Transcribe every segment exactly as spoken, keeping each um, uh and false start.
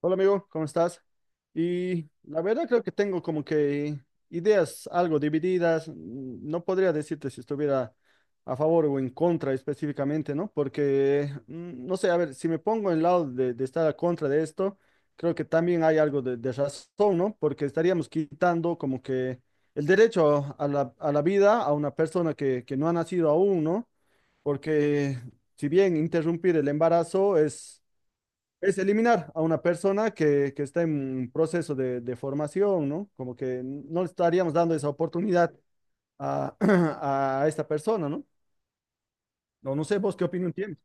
Hola amigo, ¿cómo estás? Y la verdad creo que tengo como que ideas algo divididas. mm, No podría decirte si estuviera a favor o en contra específicamente, ¿no? Porque, mm, no sé, a ver, si me pongo en el lado de, de estar a contra de esto, creo que también hay algo de, de razón, ¿no? Porque estaríamos quitando como que el derecho a la, a la vida a una persona que, que no ha nacido aún, ¿no? Porque si bien interrumpir el embarazo es es eliminar a una persona que, que está en proceso de, de formación, ¿no? Como que no le estaríamos dando esa oportunidad a, a esta persona, ¿no? No, no sé vos qué opinión tienes.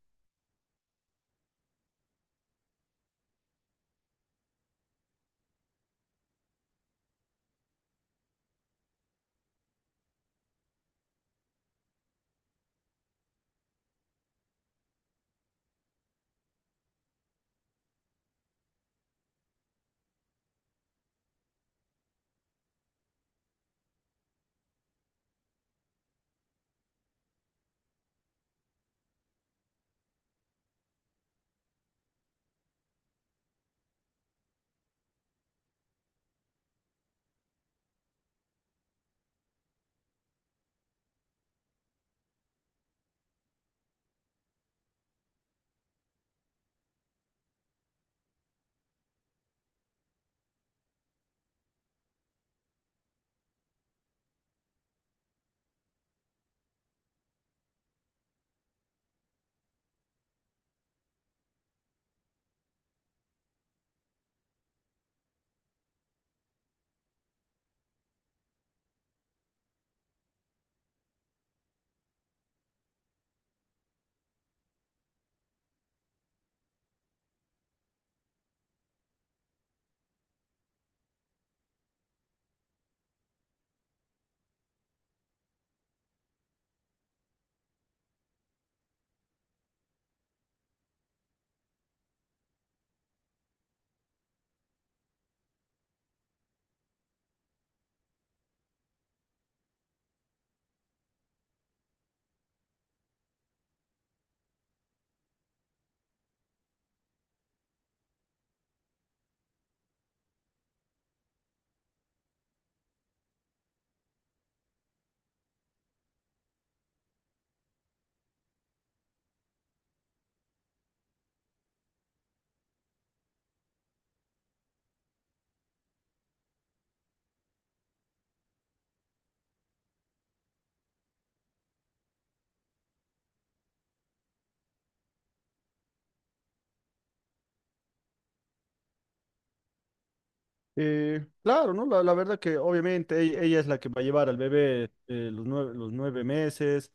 Eh, claro, ¿no? La, la verdad que obviamente ella, ella es la que va a llevar al bebé eh, los nueve, los nueve meses,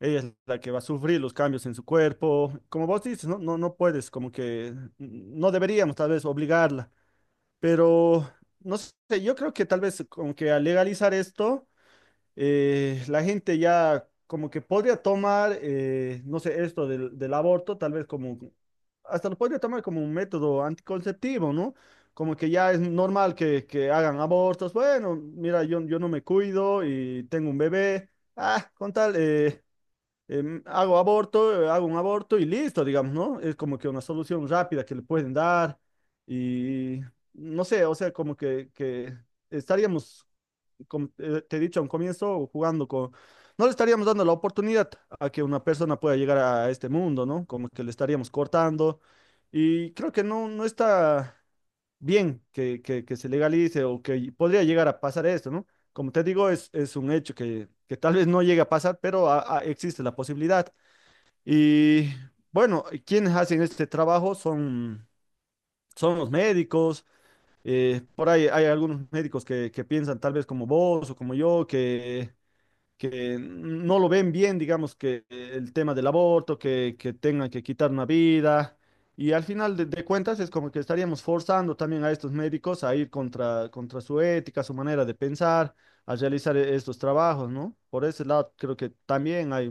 ella es la que va a sufrir los cambios en su cuerpo. Como vos dices, no, no, no puedes, como que mm, no deberíamos tal vez obligarla, pero no sé, yo creo que tal vez como que al legalizar esto eh, la gente ya como que podría tomar, eh, no sé, esto del, del aborto, tal vez como, hasta lo podría tomar como un método anticonceptivo, ¿no? Como que ya es normal que, que hagan abortos. Bueno, mira, yo, yo no me cuido y tengo un bebé. Ah, con tal, eh, em, hago aborto, eh, hago un aborto y listo, digamos, ¿no? Es como que una solución rápida que le pueden dar y no sé, o sea, como que, que estaríamos como te te he dicho a un comienzo, jugando con... No le estaríamos dando la oportunidad a que una persona pueda llegar a este mundo, ¿no? Como que le estaríamos cortando. Y creo que no, no está bien que, que- que se legalice o que podría llegar a pasar esto, ¿no? Como te digo, es, es un hecho que, que tal vez no llegue a pasar, pero a- a- existe la posibilidad. Y bueno, quienes hacen este trabajo son, son los médicos. Eh, por ahí hay algunos médicos que, que piensan tal vez como vos o como yo, que que no lo ven bien, digamos, que el tema del aborto, que, que tengan que quitar una vida. Y al final de, de cuentas es como que estaríamos forzando también a estos médicos a ir contra, contra su ética, su manera de pensar, a realizar e- estos trabajos, ¿no? Por ese lado creo que también hay.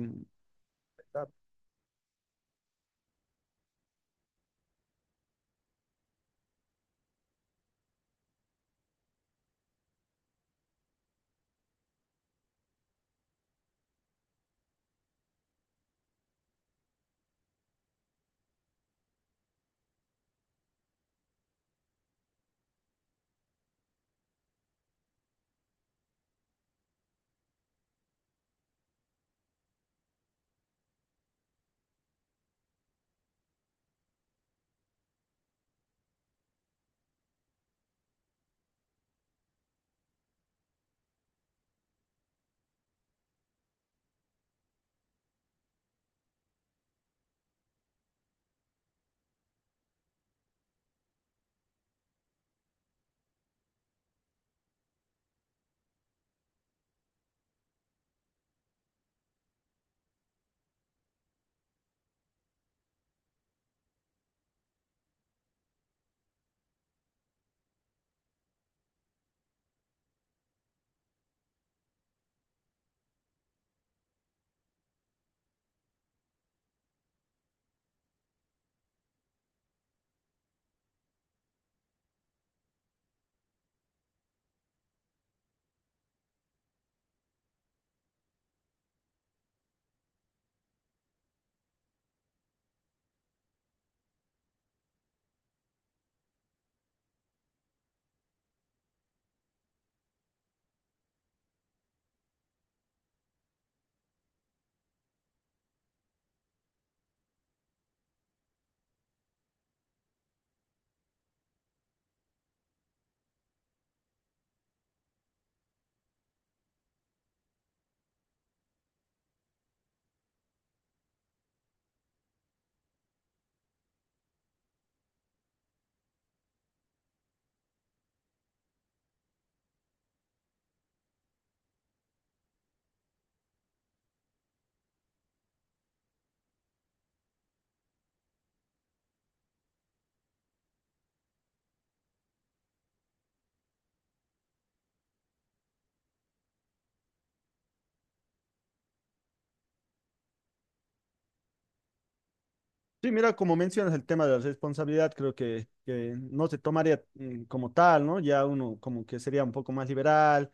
Sí, mira, como mencionas el tema de la responsabilidad, creo que, que no se tomaría mm, como tal, ¿no? Ya uno como que sería un poco más liberal,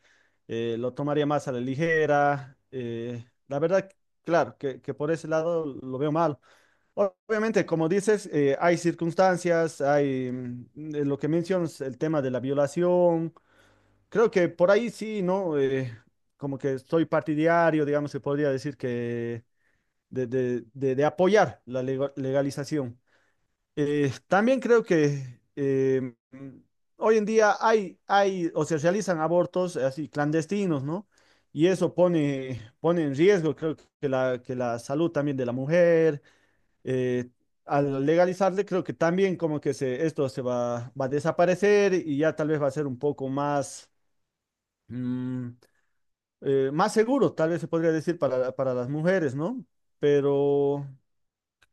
eh, lo tomaría más a la ligera. Eh, la verdad, claro, que, que por ese lado lo veo mal. O- Obviamente, como dices, eh, hay circunstancias, hay mm, eh, lo que mencionas, el tema de la violación. Creo que por ahí sí, ¿no? Eh, como que soy partidario, digamos, se podría decir que de, de de- de apoyar la lego- legalización. Eh, también creo que eh, mm, hoy en día hay, hay o se realizan abortos eh, así clandestinos, ¿no? Y eso pone, pone en riesgo, creo que la, que la salud también de la mujer. eh, Al legalizarle, creo que también como que se, esto se va, va a desaparecer y ya tal vez va a ser un poco más, mm, eh, más seguro, tal vez se podría decir para, para las mujeres, ¿no? Pero...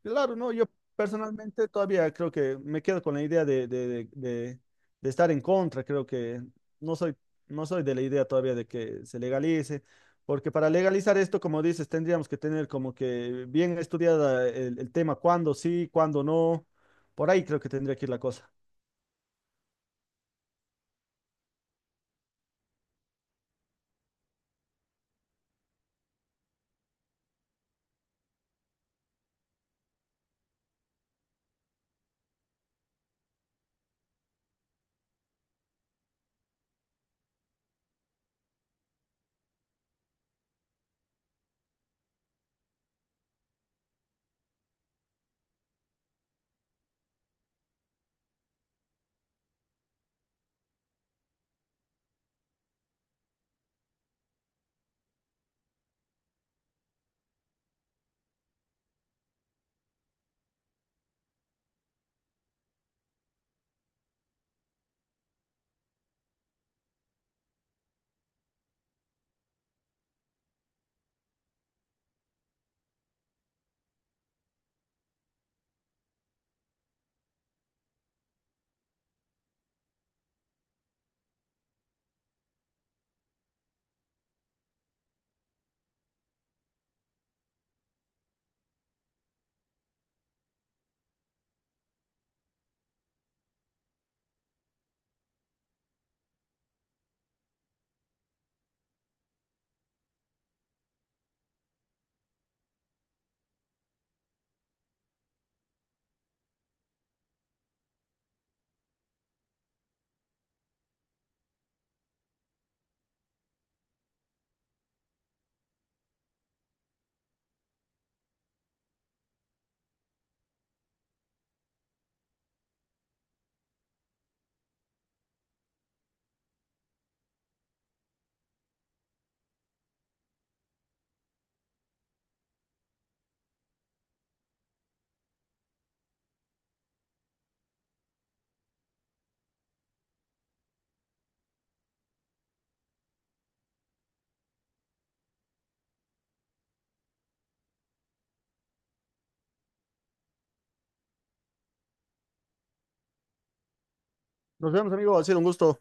Claro, no, yo personalmente todavía creo que me quedo con la idea de, de- de- de- de estar en contra, creo que no soy, no soy de la idea todavía de que se legalice, porque para legalizar esto, como dices, tendríamos que tener como que bien estudiada el, el tema, cuándo sí, cuándo no, por ahí creo que tendría que ir la cosa. Nos vemos, amigo, ha sido un gusto.